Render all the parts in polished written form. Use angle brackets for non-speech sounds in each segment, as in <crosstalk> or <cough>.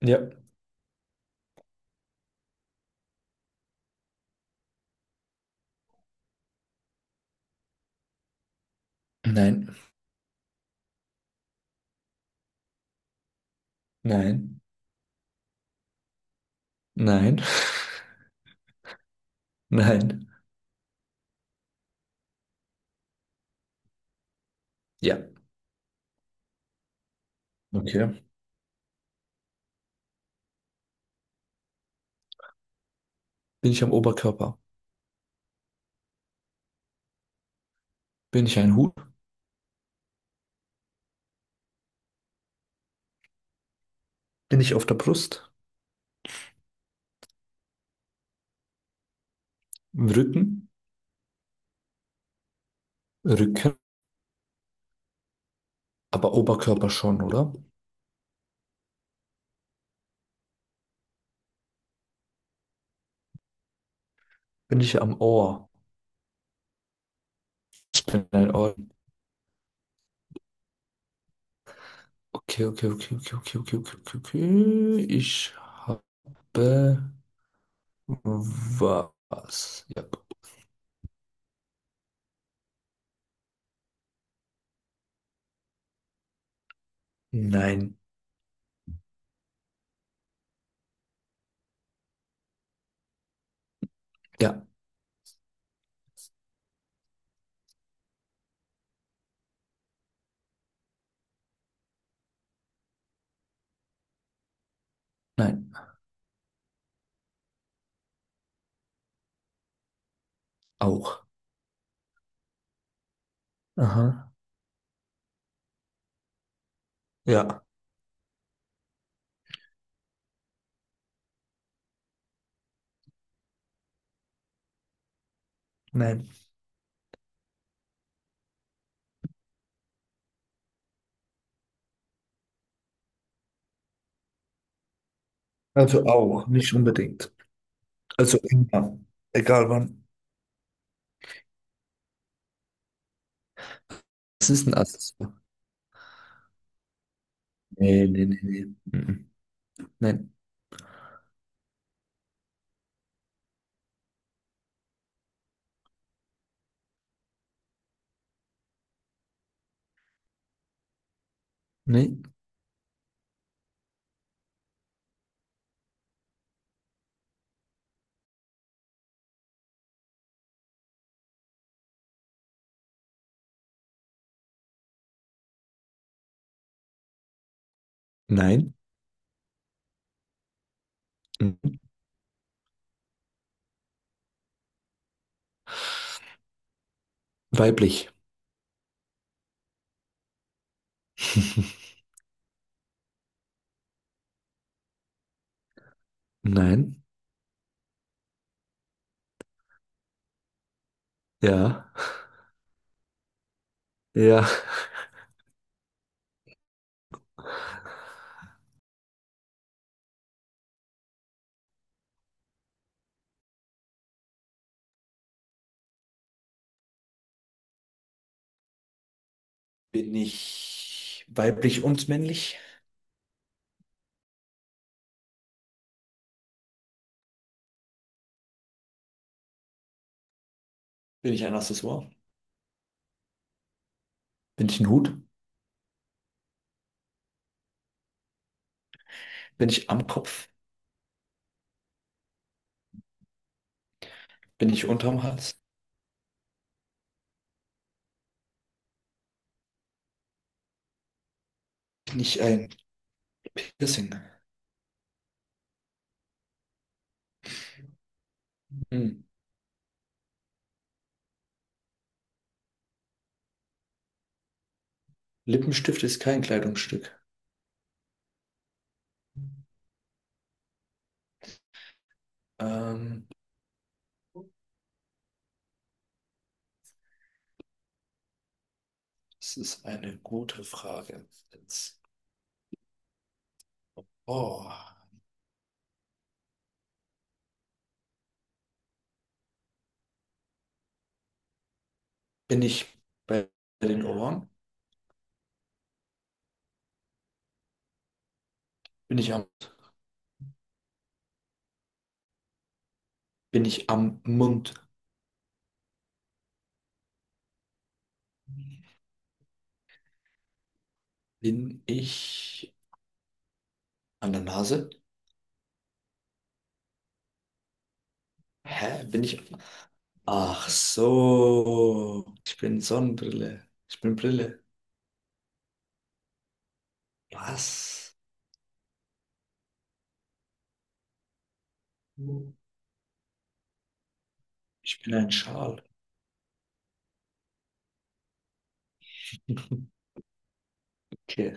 Ja. Nein. Nein. Nein. <laughs> Nein. Ja. Okay. Bin ich am Oberkörper? Bin ich ein Hut? Bin ich auf der Brust? Im Rücken? Rücken? Aber Oberkörper schon, oder? Bin ich am Ohr? Ich bin ein Ohr. Okay, okay, okay, okay, okay, okay, okay, okay, okay. Ich habe was. Ja. Nein. Ja. Nein. Auch. Aha. Ja. Nein. Also auch, nicht unbedingt. Also immer, egal wann. Es ist ein Accessoire. Nee, nee, nee, nee. Mhm. Nein, nee, nein. Mhm. Weiblich. <laughs> Nein, ja, ja. Bin ich weiblich und männlich? Bin ich ein Accessoire? Bin ich ein Hut? Bin ich am Kopf? Bin ich unterm Hals? Bin ich ein Piercing? Hm. Lippenstift ist kein Kleidungsstück. Ähm, Das ist eine gute Frage. Oh, bin ich bei den Ohren? Bin ich am, Bin ich am Mund? Bin ich an der Nase? Hä? Bin ich. Ach so. Ich bin Sonnenbrille. Ich bin Brille. Was? Ich bin ein Schal. <laughs> Okay.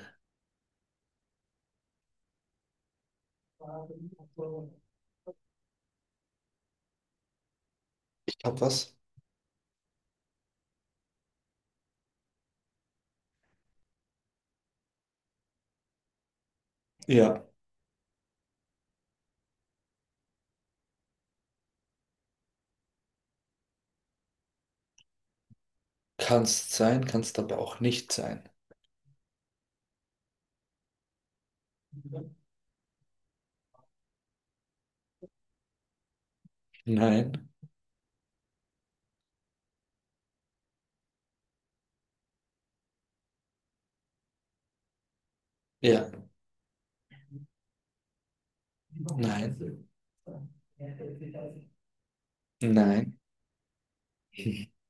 Ich hab was? Ja. Kannst sein, kannst aber auch nicht sein. Nein. Ja. Nein. Nein. <laughs>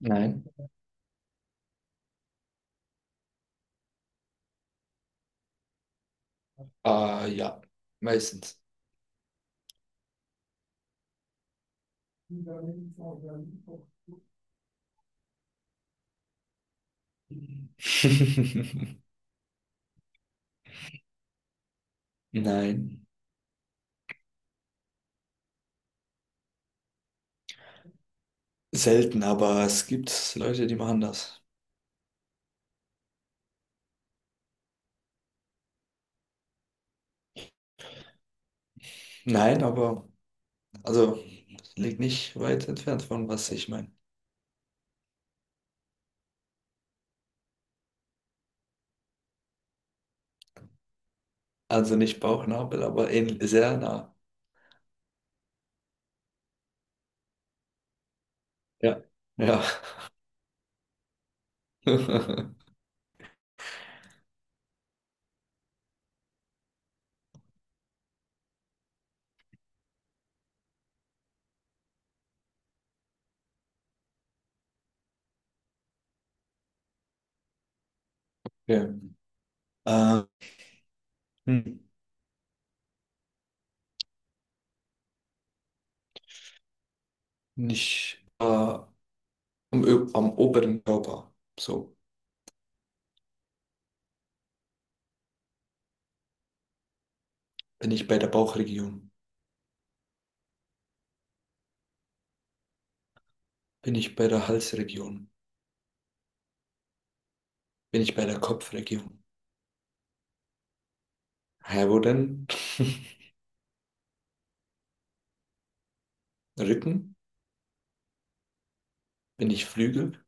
Nein. Ah, ja. Meistens. <laughs> Nein, selten, aber es gibt Leute, die machen das. Nein, aber also liegt nicht weit entfernt von was ich meine. Also nicht Bauchnabel, aber sehr nah. Ja, ja. <laughs> Okay. Äh, hm, Nicht am oberen Körper. So bin ich bei der Bauchregion, bin ich bei der Halsregion, bin ich bei der Kopfregion. Ja, wo denn? <laughs> Rücken? Bin ich Flügel?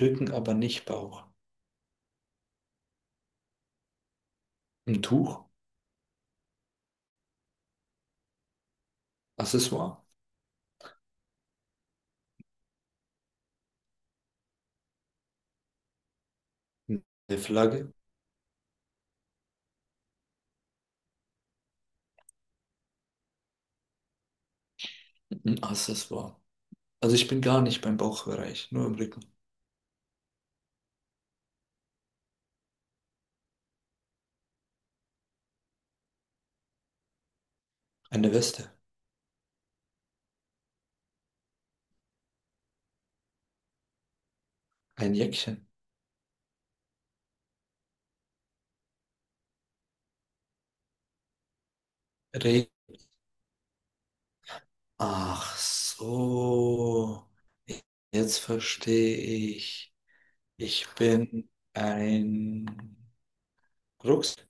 Rücken, aber nicht Bauch. Ein Tuch, Accessoire. Eine Flagge, ein Accessoire. Also ich bin gar nicht beim Bauchbereich, nur im Rücken. Eine Weste, ein Jäckchen, Regen. Ach so, jetzt verstehe ich. Ich bin ein Rucksack.